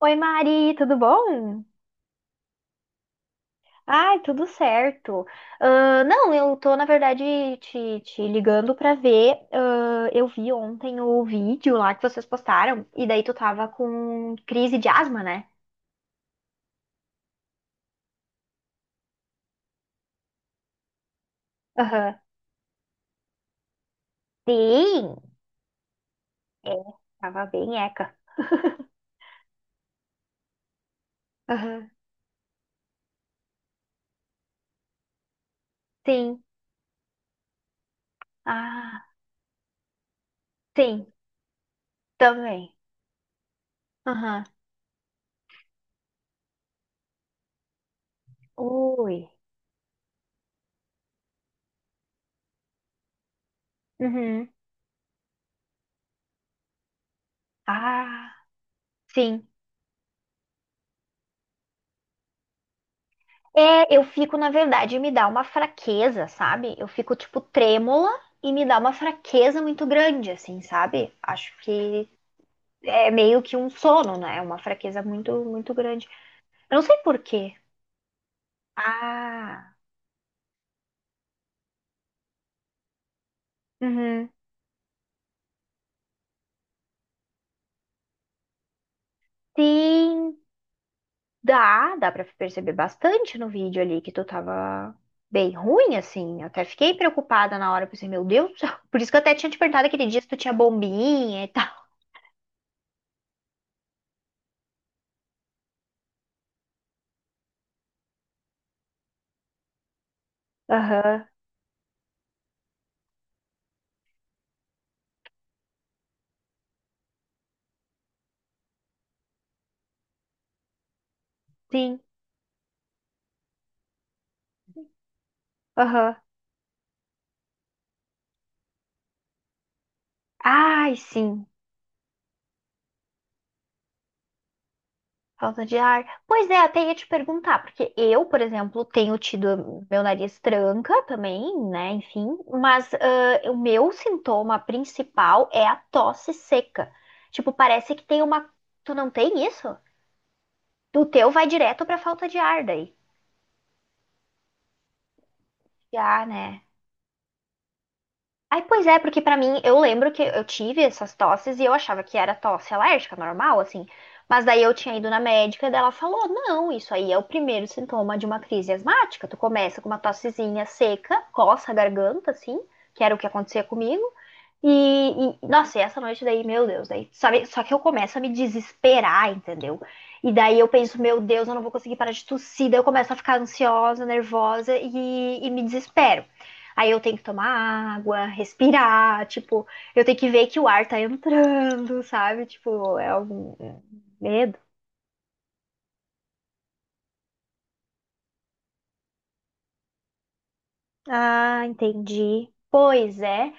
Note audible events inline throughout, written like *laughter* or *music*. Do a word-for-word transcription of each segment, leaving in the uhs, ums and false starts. Oi, Mari, tudo bom? Ai, tudo certo. Ah, não, eu tô, na verdade, te, te ligando pra ver. Ah, eu vi ontem o vídeo lá que vocês postaram, e daí tu tava com crise de asma, né? Aham. Sim, é, tava bem eca. *laughs* Aham. Sim. Ah, sim, também. Aham. Ui. Uhum. Ah, sim. É, eu fico, na verdade, me dá uma fraqueza, sabe? Eu fico, tipo, trêmula e me dá uma fraqueza muito grande, assim, sabe? Acho que é meio que um sono, né? Uma fraqueza muito, muito grande. Eu não sei por quê. Ah, uhum. Sim, dá, dá pra perceber bastante no vídeo ali que tu tava bem ruim, assim. Eu até fiquei preocupada na hora, pensei, meu Deus do céu. Por isso que eu até tinha te perguntado aquele dia se tu tinha bombinha e tal. Aham, sim, aham. Ai, sim. Falta de ar. Pois é, até ia te perguntar, porque eu, por exemplo, tenho tido meu nariz tranca também, né? Enfim, mas ah, o meu sintoma principal é a tosse seca. Tipo, parece que tem uma. Tu não tem isso? O teu vai direto pra falta de ar daí. Já, né? Aí, pois é, porque pra mim, eu lembro que eu tive essas tosses e eu achava que era tosse alérgica, normal, assim. Mas daí eu tinha ido na médica e daí ela falou: não, isso aí é o primeiro sintoma de uma crise asmática. Tu começa com uma tossezinha seca, coça a garganta, assim, que era o que acontecia comigo. E, e, nossa, e essa noite daí, meu Deus, daí, sabe? Só que eu começo a me desesperar, entendeu? E daí eu penso, meu Deus, eu não vou conseguir parar de tossir. Daí eu começo a ficar ansiosa, nervosa e, e me desespero. Aí eu tenho que tomar água, respirar, tipo, eu tenho que ver que o ar tá entrando, sabe? Tipo, é algum medo. Ah, entendi. Pois é,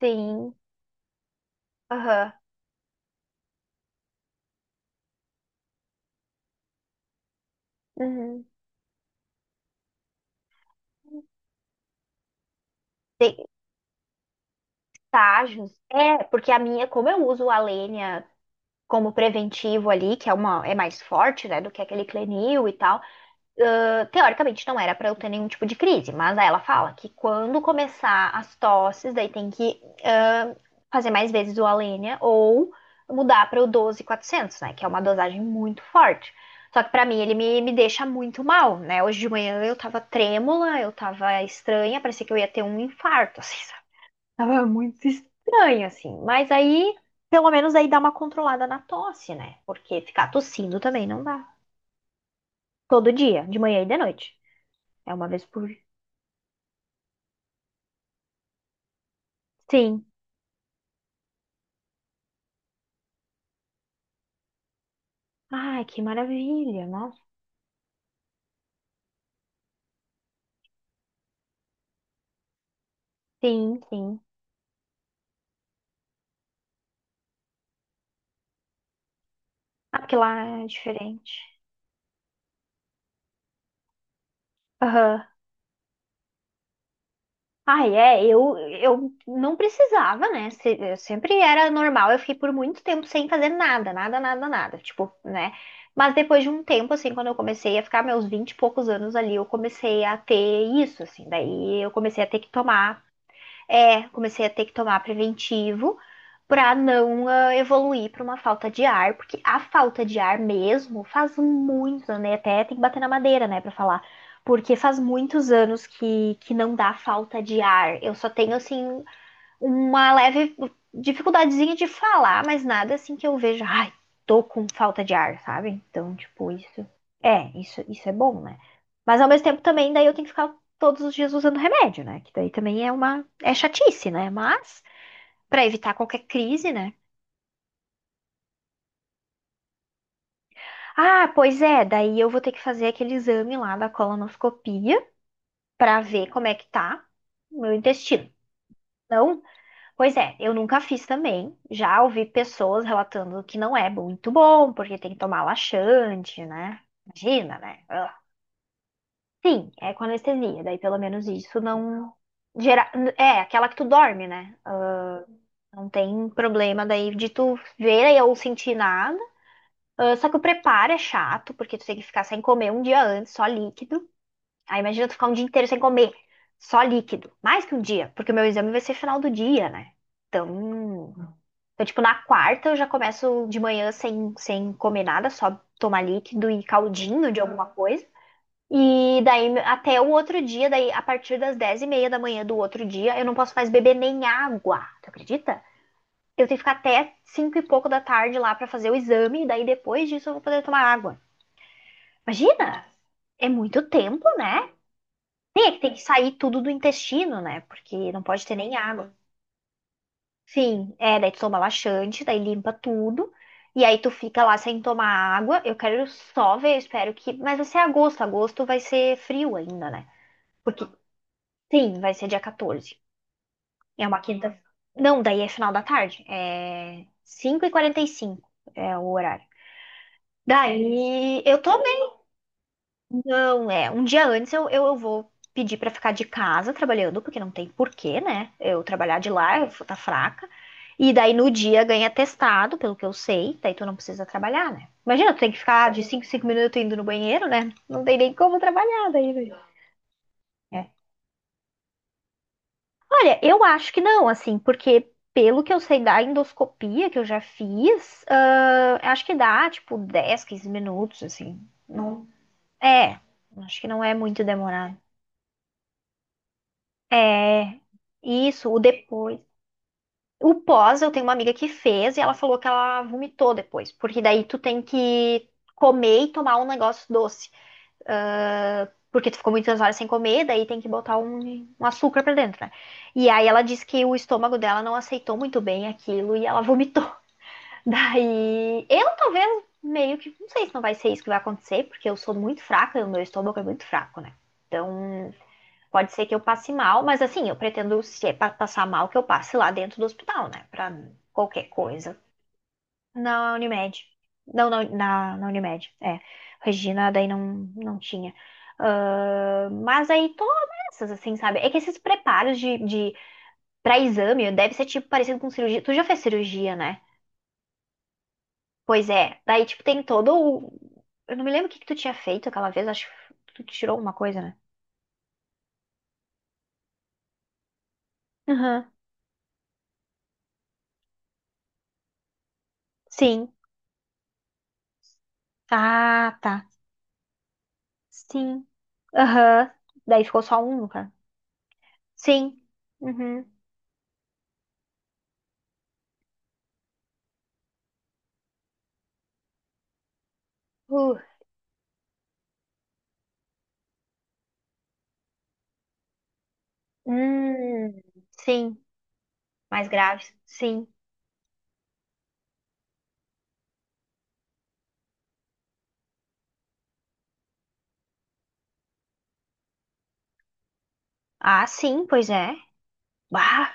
sim. Aham. Uhum. Tem estágios. É, porque a minha, como eu uso a lenha como preventivo ali, que é uma é mais forte, né, do que aquele Clenil e tal. Ah, teoricamente não era para eu ter nenhum tipo de crise, mas aí ela fala que quando começar as tosses, daí tem que ah, fazer mais vezes o Alenia ou mudar para o doze mil e quatrocentos, né, que é uma dosagem muito forte. Só que pra mim ele me, me deixa muito mal, né? Hoje de manhã eu tava trêmula, eu tava estranha, parecia que eu ia ter um infarto, assim, sabe? Tava muito estranho, assim. Mas aí, pelo menos aí dá uma controlada na tosse, né? Porque ficar tossindo também não dá. Todo dia, de manhã e de noite. É uma vez por. Sim. Ai, que maravilha, nossa. Sim, sim. Ah, porque lá é diferente. Aham. Ai, é, eu, eu não precisava, né? Se- eu sempre era normal, eu fiquei por muito tempo sem fazer nada, nada, nada, nada, tipo, né? Mas depois de um tempo, assim, quando eu comecei a ficar meus vinte e poucos anos ali, eu comecei a ter isso, assim, daí eu comecei a ter que tomar é, comecei a ter que tomar preventivo para não ah, evoluir para uma falta de ar, porque a falta de ar mesmo faz muitos né? Até tem que bater na madeira, né, para falar. Porque faz muitos anos que, que não dá falta de ar. Eu só tenho, assim, uma leve dificuldadezinha de falar, mas nada assim que eu veja, ai, tô com falta de ar, sabe? Então, tipo, isso é, isso, isso é bom, né? Mas ao mesmo tempo também, daí eu tenho que ficar todos os dias usando remédio, né? Que daí também é uma, é chatice, né? Mas pra evitar qualquer crise, né? Ah, pois é, daí eu vou ter que fazer aquele exame lá da colonoscopia pra ver como é que tá o meu intestino. Não, pois é, eu nunca fiz também. Já ouvi pessoas relatando que não é muito bom, porque tem que tomar laxante, né? Imagina, né? Ah. Sim, é com anestesia, daí pelo menos isso não gera... É, aquela que tu dorme, né? Ah, não tem problema daí de tu ver ou sentir nada. Ah, só que o preparo é chato, porque tu tem que ficar sem comer um dia antes, só líquido. Aí imagina tu ficar um dia inteiro sem comer, só líquido. Mais que um dia, porque o meu exame vai ser final do dia, né? Então. Então, tipo, na quarta eu já começo de manhã sem, sem comer nada, só tomar líquido e caldinho de alguma coisa. E daí até o outro dia, daí a partir das dez e meia da manhã do outro dia, eu não posso mais beber nem água. Tu acredita? Eu tenho que ficar até cinco e pouco da tarde lá pra fazer o exame, e daí depois disso eu vou poder tomar água. Imagina! É muito tempo, né? Tem é que tem que sair tudo do intestino, né? Porque não pode ter nem água. Sim, é, daí tu toma laxante, daí limpa tudo, e aí tu fica lá sem tomar água. Eu quero só ver, eu espero que. Mas vai ser agosto, agosto vai ser frio ainda, né? Porque, sim, vai ser dia quatorze. É uma quinta. Não, daí é final da tarde, é cinco e quarenta e cinco é o horário. Daí eu tô. Não, é. Um dia antes eu, eu, eu vou pedir pra ficar de casa trabalhando, porque não tem porquê, né? Eu trabalhar de lá, eu vou tá fraca. E daí no dia ganha testado, pelo que eu sei, daí tu não precisa trabalhar, né? Imagina, tu tem que ficar de cinco em cinco minutos indo no banheiro, né? Não tem nem como trabalhar daí, né? É. Olha, eu acho que não, assim, porque pelo que eu sei da endoscopia que eu já fiz, ah, acho que dá, tipo, dez, quinze minutos, assim. Não, é, acho que não é muito demorado. É, isso, o depois. O pós, eu tenho uma amiga que fez e ela falou que ela vomitou depois, porque daí tu tem que comer e tomar um negócio doce. Ah, porque tu ficou muitas horas sem comer, daí tem que botar um, um açúcar pra dentro, né? E aí ela disse que o estômago dela não aceitou muito bem aquilo e ela vomitou. *laughs* Daí eu talvez meio que, não sei se não vai ser isso que vai acontecer, porque eu sou muito fraca, e o meu estômago é muito fraco, né? Então. Pode ser que eu passe mal, mas assim, eu pretendo, se é pra passar mal, que eu passe lá dentro do hospital, né? Pra qualquer coisa. Na Unimed. Não, na, na, na Unimed. É. Regina, daí não, não tinha. Ah, mas aí todas essas, assim, sabe? É que esses preparos de, de para exame deve ser tipo parecido com cirurgia. Tu já fez cirurgia, né? Pois é. Daí, tipo, tem todo o. Eu não me lembro o que que tu tinha feito aquela vez, acho que tu tirou alguma coisa, né? Aham. Sim. Ah, tá. Sim. Aham. Daí ficou só um, no caso. Sim. Uhum. Uh. Hum. Sim. Mais graves. Sim. Ah, sim, pois é. Bah.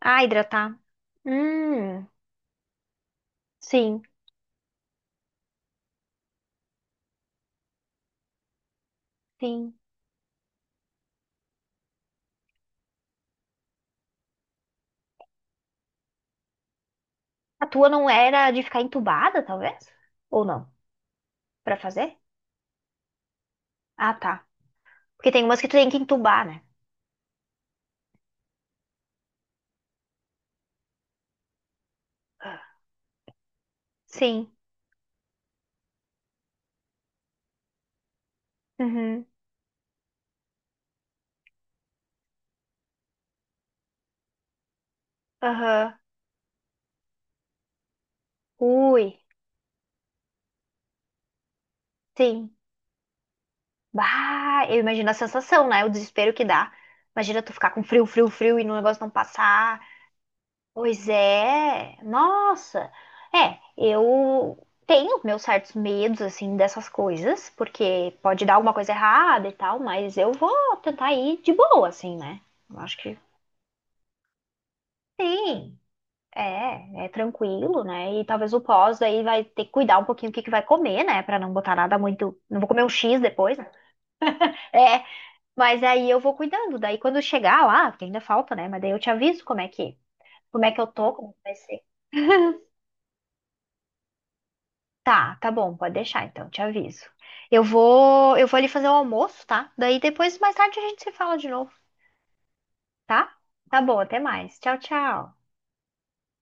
Ah, hidratar. Hum. Sim, sim. A tua não era de ficar entubada, talvez? Ou não? Pra fazer? Ah, tá. Porque tem umas que tu tem que entubar, né? Sim. Uhum. Aham. Ui. Sim. Bah, eu imagino a sensação, né? O desespero que dá. Imagina tu ficar com frio, frio, frio e o negócio não passar. Pois é. Nossa. É, eu tenho meus certos medos, assim, dessas coisas, porque pode dar alguma coisa errada e tal, mas eu vou tentar ir de boa, assim, né? Eu acho que sim. É, é tranquilo, né? E talvez o pós aí vai ter que cuidar um pouquinho o que que vai comer, né? Pra não botar nada muito. Não vou comer um X depois, né? É, mas aí eu vou cuidando. Daí quando chegar lá, que ainda falta, né? Mas daí eu te aviso como é que, como é que eu tô, como é que vai ser. Tá, tá bom, pode deixar então, te aviso. Eu vou, eu vou ali fazer o almoço, tá? Daí depois, mais tarde, a gente se fala de novo, tá? Tá bom, até mais. Tchau, tchau.